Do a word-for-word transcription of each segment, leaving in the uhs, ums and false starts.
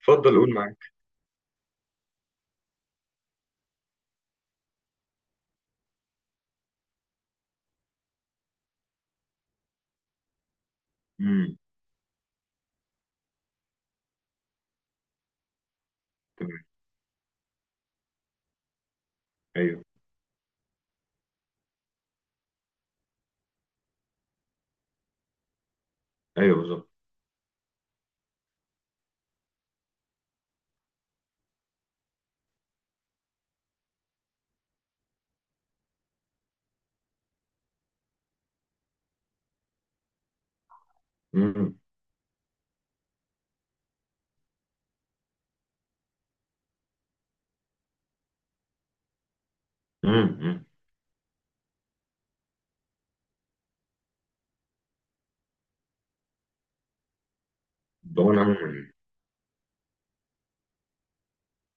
اتفضل قول معاك. امم. تمام. ايوه، ايوه، بالظبط. امم. امم. الضمان عموما.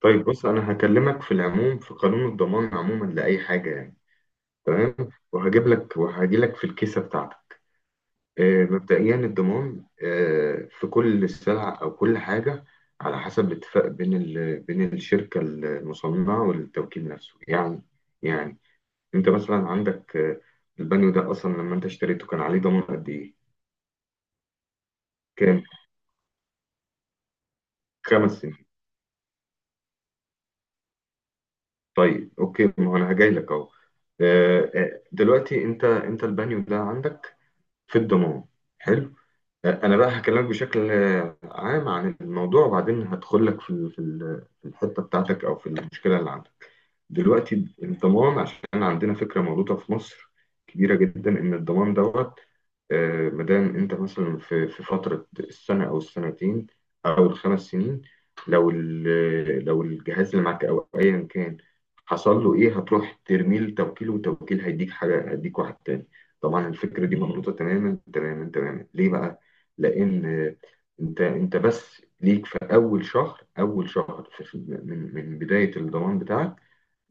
طيب، بص، انا هكلمك في العموم في قانون الضمان عموما لاي حاجه يعني. تمام. وهجيب لك وهجي لك في الكيسه بتاعتك. آه مبدئيا الضمان، آه في كل سلعه او كل حاجه، على حسب اتفاق بين ال... بين الشركه المصنعه والتوكيل نفسه يعني. يعني انت مثلا عندك، آه، البانيو ده اصلا لما انت اشتريته كان عليه ضمان قد ايه؟ كام؟ خمس سنين. طيب، اوكي، ما هو انا هجاي لك اهو. آه، آه، دلوقتي انت انت البانيو ده عندك في الضمان. حلو. آه، انا بقى هكلمك بشكل آه، عام عن الموضوع، وبعدين هدخل لك في ال- في ال- في الحته بتاعتك، او في المشكله اللي عندك دلوقتي. الضمان، عشان عندنا فكرة مغلوطة في مصر كبيرة جدا، إن الضمان دوت، آه، مادام أنت مثلا في في فترة السنة أو السنتين أو الخمس سنين، لو ال- لو الجهاز اللي معاك أو أيا كان حصل له إيه، هتروح ترميه لتوكيل، وتوكيل هيديك حاجة، هيديك واحد تاني. طبعا الفكرة دي مغلوطة تماما تماما تماما. ليه بقى؟ لأن، آه، أنت أنت بس ليك في أول شهر، أول شهر، في في- من من بداية الضمان بتاعك،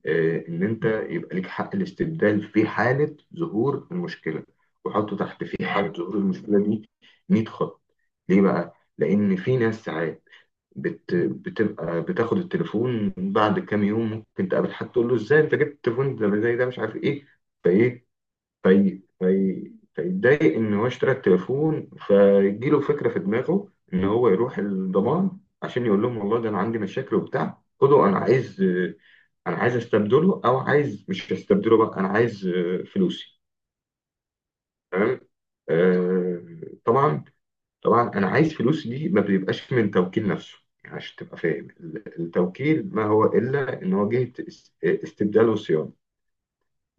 آه، ان انت يبقى ليك حق الاستبدال في حاله ظهور المشكله. وحطوا تحت في حاله ظهور المشكله دي مية خط. ليه بقى؟ لان في ناس ساعات، بت... بتبقى بتاخد التليفون بعد كام يوم، ممكن تقابل حد تقول له ازاي انت جبت التليفون ده زي ده، مش عارف ايه، فايه، في في فيتضايق ان هو اشترى التليفون، فيجيله فكره في دماغه ان هو يروح الضمان عشان يقول لهم والله ده انا عندي مشاكل وبتاع، خدوا، انا عايز، آه، انا عايز استبدله، او عايز، مش هستبدله بقى، انا عايز آه، فلوسي. تمام. آه، طبعا، طبعا انا عايز فلوسي دي ما بيبقاش من توكيل نفسه. يعني عشان تبقى فاهم، التوكيل ما هو الا ان هو جهه است- استبدال وصيانه.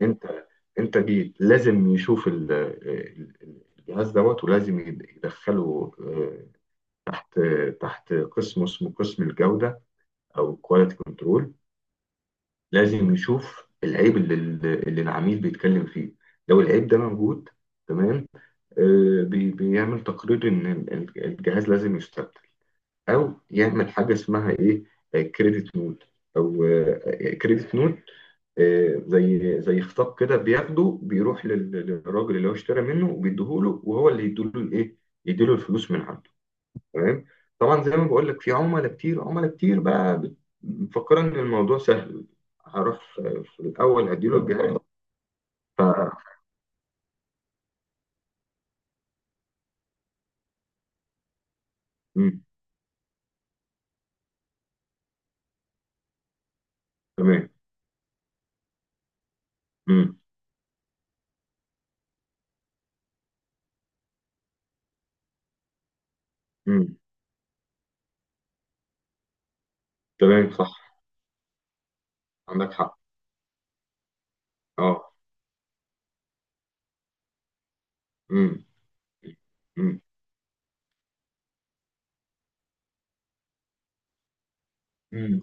انت، انت جيت لازم يشوف ال- ال- الجهاز دوت، ولازم يد- يدخله آه، تحت، تحت قسم اسمه قسم الجودة، او كواليتي كنترول. لازم يشوف العيب اللي اللي العميل بيتكلم فيه. لو العيب ده موجود، تمام، آه، بي- بيعمل تقرير ان ال- ال- الجهاز لازم يستبدل، او يعمل حاجة اسمها ايه، كريدت نوت، او كريدت نوت. آه، زي زي خطاب كده، بياخده بيروح لل- للراجل اللي هو اشترى منه، وبيديهوله، وهو اللي يديله الايه، يديله الفلوس من عنده. تمام. طبعا، زي ما بقول لك، في عملاء كتير، عملاء كتير بقى بت- مفكره ان الموضوع سهل، هروح في في الاول اديله الجهاز. ف مم. تمام. مم. مم. تمام، صح. عندك حق. اه. مم. مم. مم.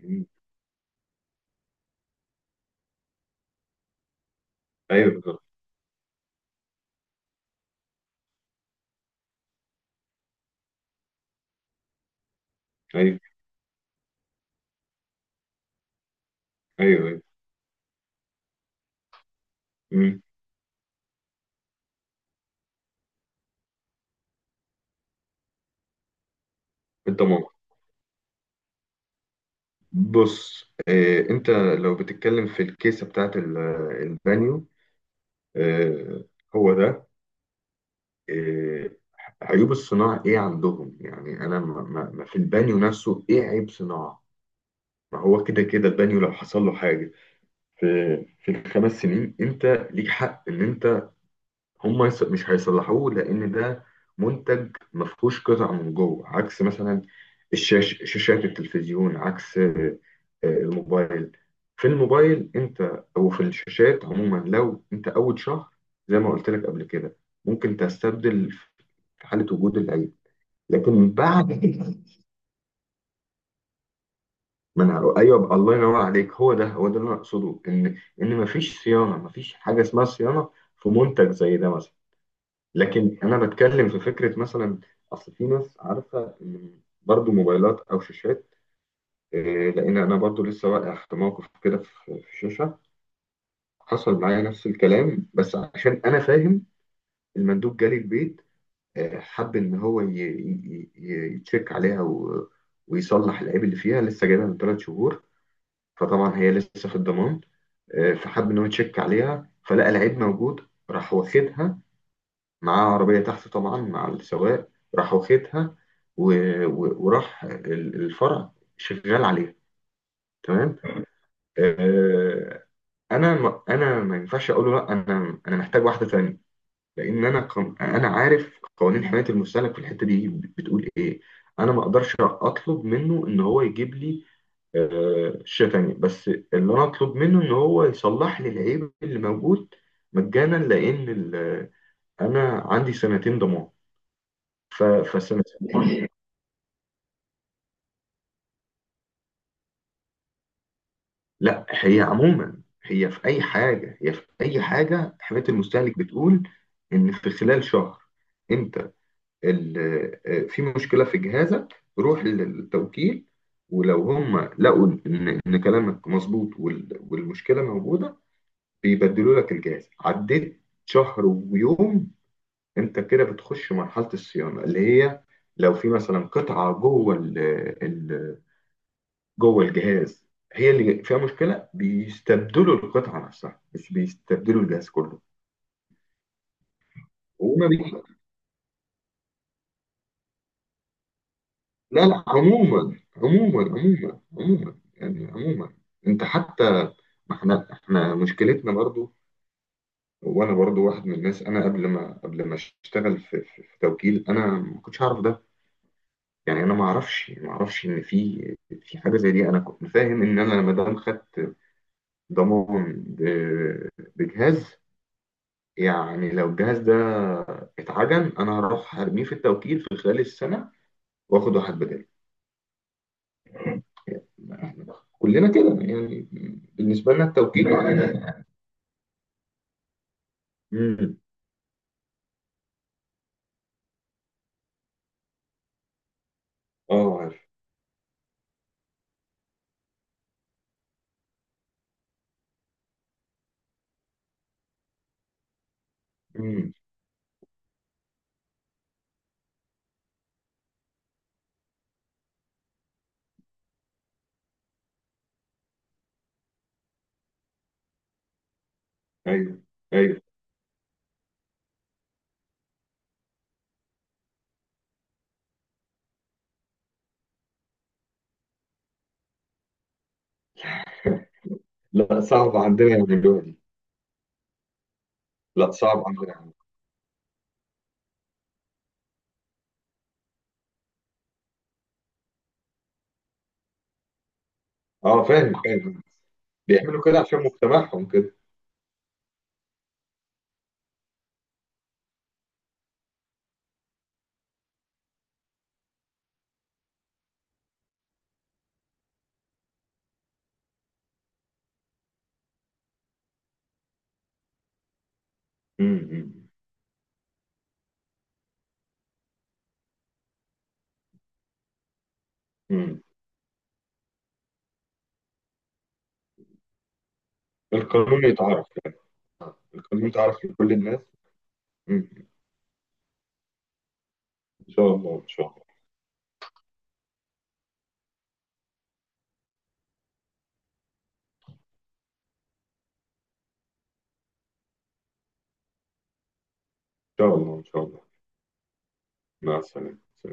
مم. ايوه بالظبط. ايوه، ايوه. ايوه. مم. انت، بص، آه، انت لو بتتكلم في الكيسه بتاعت ال- البانيو، آه، هو ده، آه، عيوب الصناعه ايه عندهم يعني، انا ما ما- ما في البانيو نفسه ايه عيب صناعه؟ ما هو كده كده البانيو لو حصل له حاجه في في الخمس سنين، انت ليك حق ان انت، هم يص- مش هيصلحوه لان ده منتج ما فيهوش قطع من جوه، عكس مثلا الشاش شاشات التلفزيون، عكس آه، آه، الموبايل. في الموبايل انت، او في الشاشات عموما، لو انت اول شهر، زي ما قلت لك قبل كده، ممكن تستبدل في حاله وجود العيب. لكن بعد ما، انا ايوه بقى، الله ينور عليك، هو ده، هو ده اللي انا اقصده، ان ان مفيش صيانه، مفيش حاجه اسمها صيانه في منتج زي ده مثلا. لكن انا بتكلم في فكره مثلا، اصل في ناس عارفه إن برضو موبايلات او شاشات، إيه، لان انا برضو لسه واقع في موقف كده، في في شاشه، حصل معايا نفس الكلام، بس عشان انا فاهم، المندوب جالي البيت، آه، حب ان هو ي- ي- ي- يتشيك عليها، و- ويصلح العيب اللي فيها، لسه جايبها من ثلاث شهور، فطبعا هي لسه في الضمان. آه، فحب ان هو يتشيك عليها، فلقى العيب موجود، راح واخدها معاه عربية تحت طبعا مع السواق، راح واخدها، و... و... وراح ال- الفرع شغال عليها. تمام. آه. انا ما... انا ما ينفعش اقول له لا، انا انا محتاج واحدة تانية، لان انا قم... انا عارف قوانين حماية المستهلك في الحتة دي بتقول ايه. انا ما اقدرش اطلب منه ان هو يجيب لي آه شاشة تانية، بس اللي انا اطلب منه ان هو يصلح لي العيب اللي موجود مجانا، لان ال... انا عندي سنتين ضمان. ف- فسنة. لا، هي عموما، هي في أي حاجة هي في أي حاجة حماية المستهلك بتقول إن في خلال شهر، أنت، ال- في مشكلة في جهازك، روح للتوكيل. ولو هم لقوا إن إن كلامك مظبوط، وال- والمشكلة موجودة، بيبدلوا لك الجهاز. عديت شهر ويوم، أنت كده بتخش مرحلة الصيانة، اللي هي لو في مثلا قطعة جوه، جوه الجهاز، هي اللي فيها مشكله، بيستبدلوا القطعه نفسها مش بيستبدلوا الجهاز كله. هما بي... لا، لا، عموما، عموما، عموما، عموما، يعني عموما انت حتى، ما احنا، احنا مشكلتنا برضو. وانا برضو واحد من الناس، انا قبل ما قبل ما اشتغل في, في, في توكيل، انا ما كنتش اعرف ده. يعني انا ما اعرفش ما اعرفش ان في في حاجه زي دي. انا كنت فاهم ان انا ما دام خدت ضمان ب- بجهاز، يعني لو الجهاز ده اتعجن انا هروح ارميه في التوكيل في خلال السنه، واخد واحد بداله. احنا كلنا كده يعني، بالنسبه لنا التوكيل امم. اه، عارف. امم. ايوه، ايوه. لا، صعب عندنا يعملوها دي. لا، صعب عندنا يعملوها. اه، فاهم، فاهم. بيعملوا كده عشان مجتمعهم كده. امم. امم. القانون يتعرف يعني. القانون يتعرف لكل الناس. امم. ان شاء الله، ان شاء الله، ان شاء الله، ان شاء الله. مع السلامه.